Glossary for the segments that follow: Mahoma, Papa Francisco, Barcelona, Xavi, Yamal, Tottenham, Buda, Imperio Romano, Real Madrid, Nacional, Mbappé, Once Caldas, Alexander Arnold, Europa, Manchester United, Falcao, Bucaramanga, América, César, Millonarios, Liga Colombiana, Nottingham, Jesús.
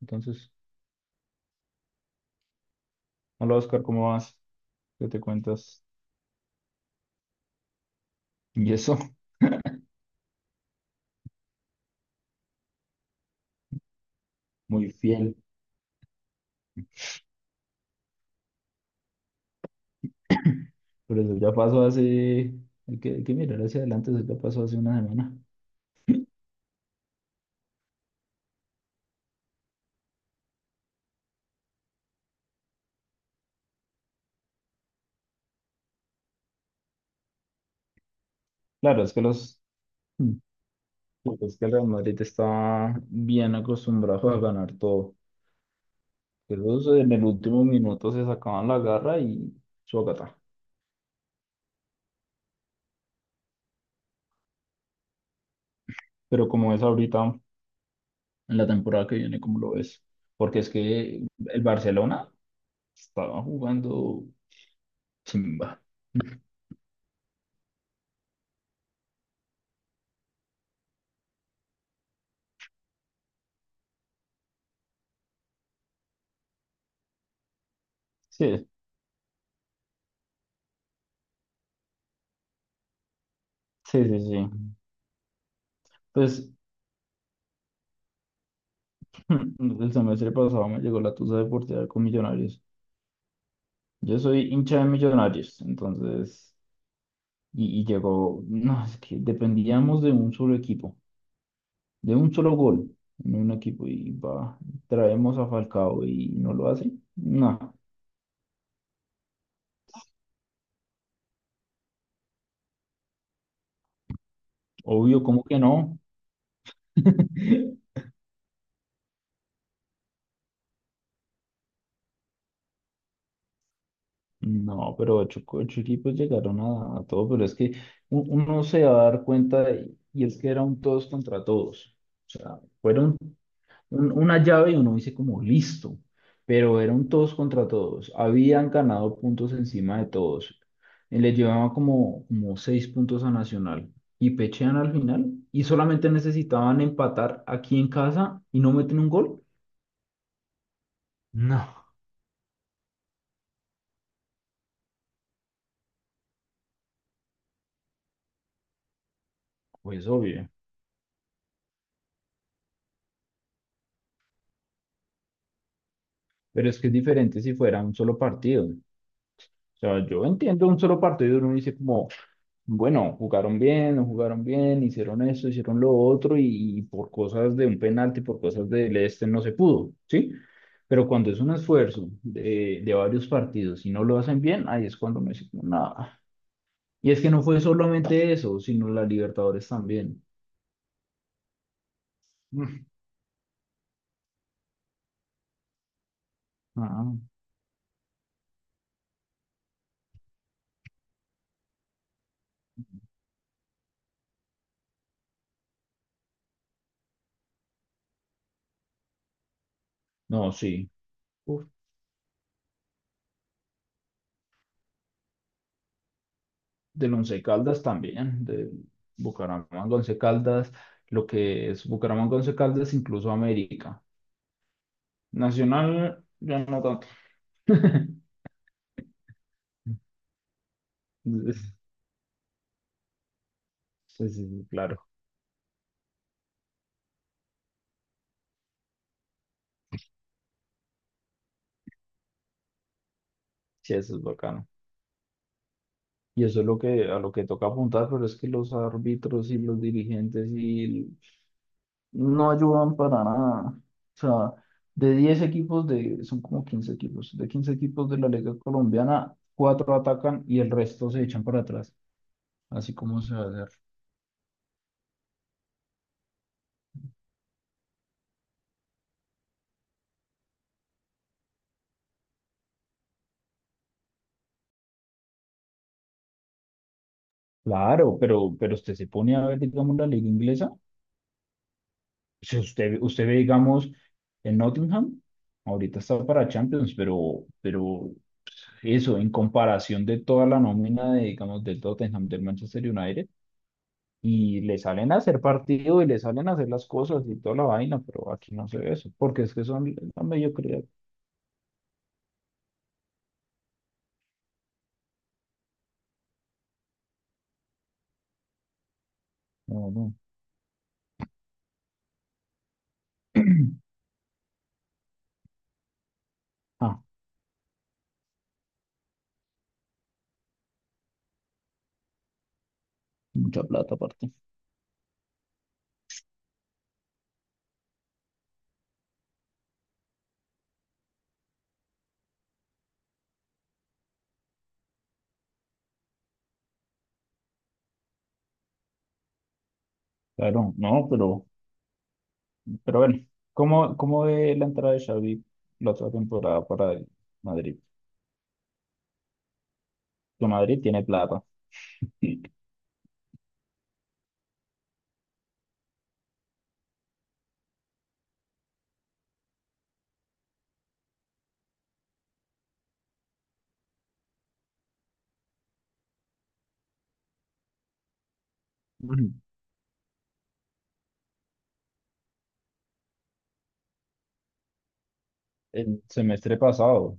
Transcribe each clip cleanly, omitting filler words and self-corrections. Entonces, hola Oscar, ¿cómo vas? ¿Qué te cuentas? Y eso, muy fiel. Pero eso ya pasó hace, hay que mirar hacia adelante, eso ya pasó hace una semana. Claro, es que los, Mm. Pues es que el Real Madrid está bien acostumbrado a ganar todo. Ellos en el último minuto se sacaban la garra y gata. Pero como es ahorita, en la temporada que viene, ¿cómo lo ves? Porque es que el Barcelona estaba jugando chimba. Sí, sí, sí, sí. Pues el semestre pasado me llegó la tusa deportiva con Millonarios. Yo soy hincha de Millonarios, entonces, y llegó, no, es que dependíamos de un solo equipo, de un solo gol en un equipo, y va, traemos a Falcao y no lo hace. No, obvio, ¿cómo que no? No, pero ocho equipos llegaron a todo, pero es que uno se va a dar cuenta, y es que era un todos contra todos. O sea, fueron una llave y uno dice como listo, pero eran todos contra todos, habían ganado puntos encima de todos, y le llevaban como, como seis puntos a Nacional y pechean al final y solamente necesitaban empatar aquí en casa y no meten un gol. No, pues obvio, pero es que es diferente si fuera un solo partido. O sea, yo entiendo un solo partido, uno dice como, bueno, jugaron bien, no jugaron bien, hicieron esto, hicieron lo otro y por cosas de un penalti, por cosas del este no se pudo, ¿sí? Pero cuando es un esfuerzo de varios partidos y no lo hacen bien, ahí es cuando me dicen, nada. Y es que no fue solamente eso, sino la Libertadores también. Mm, ah, no, sí. Uf, del Once Caldas también, de Bucaramanga, Once Caldas, lo que es Bucaramanga, Once Caldas, incluso América. Nacional, ya no tanto. Sí, sí, claro, sí, eso es bacano. Y eso es lo que, a lo que toca apuntar, pero es que los árbitros y los dirigentes y no ayudan para nada. O sea, de 10 equipos, de, son como 15 equipos de la Liga Colombiana, cuatro atacan y el resto se echan para atrás, así como se va a hacer. Claro, pero usted se pone a ver, digamos, la liga inglesa. Si usted, usted ve, digamos, en Nottingham, ahorita está para Champions, pero eso en comparación de toda la nómina de, digamos, del Tottenham, del Manchester United, y le salen a hacer partido y le salen a hacer las cosas y toda la vaina, pero aquí no se ve eso, porque es que son la mediocridad. No, no. Ah, mucha plata aparte. Claro, no, pero bueno, ¿cómo, cómo ve la entrada de Xavi la otra temporada para el Madrid? Que Madrid tiene plata. Y el semestre pasado,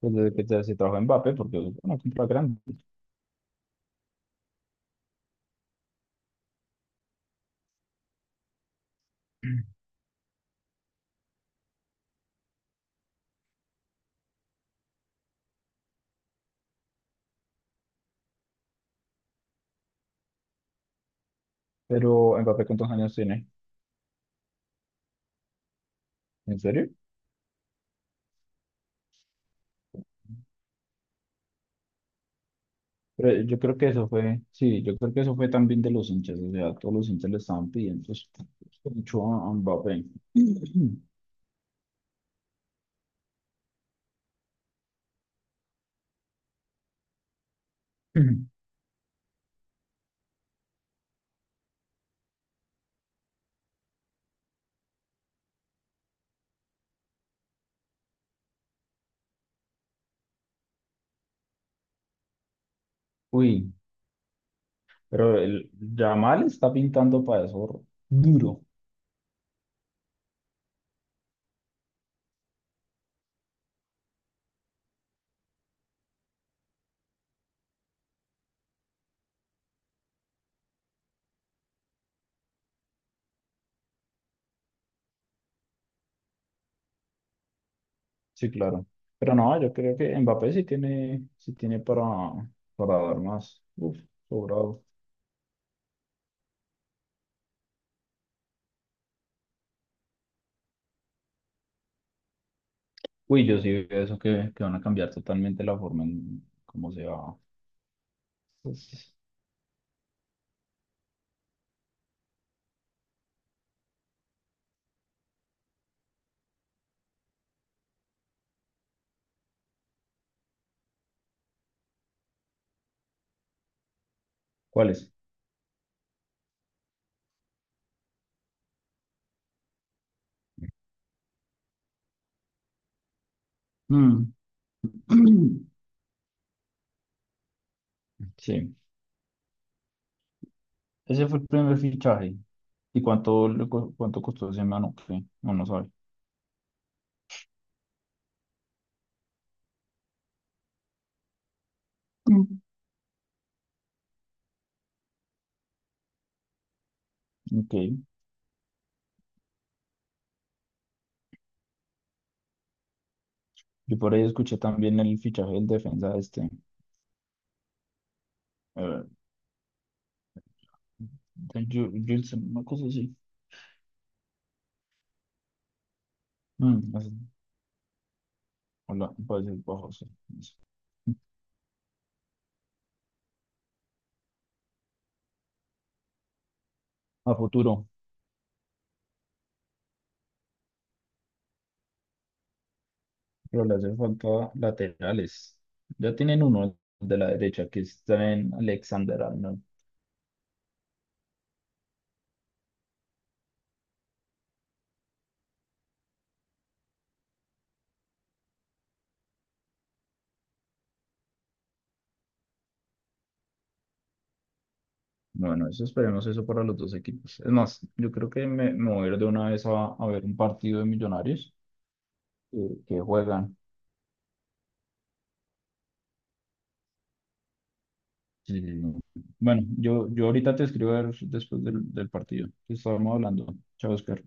pues desde que se trajo a Mbappé, porque bueno, compra grande. Pero Mbappé, ¿cuántos años tiene? ¿En serio? Pero yo creo que eso fue, sí, yo creo que eso fue también de los hinchas, o sea, todos los hinchas le estaban pidiendo pues, mucho a Mbappé. Uy, pero el Yamal está pintando para eso duro. Sí, claro. Pero no, yo creo que Mbappé sí tiene para dar más. Uf, sobrado. Uy, yo sí veo eso que van a cambiar totalmente la forma en cómo se va. Pues, ¿cuál es? Mm. Sí, ese fue el primer fichaje. ¿Y cuánto, cuánto costó ese mano? ¿Qué? No, no sabe. Mm. Ok, yo por ahí escuché también el fichaje del defensa este, eh, del Wilson, una cosa así. Mm, así. Hola, puede ser bajo, sí, no. A futuro, pero le hace falta laterales. Ya tienen uno de la derecha que está en Alexander Arnold. Bueno, eso esperemos eso para los dos equipos. Es más, yo creo que me voy a ir de una vez a ver un partido de Millonarios que, que juegan. Sí, sí, sí. Bueno, yo ahorita te escribo a ver después del, del partido que estábamos hablando. Chao, Oscar.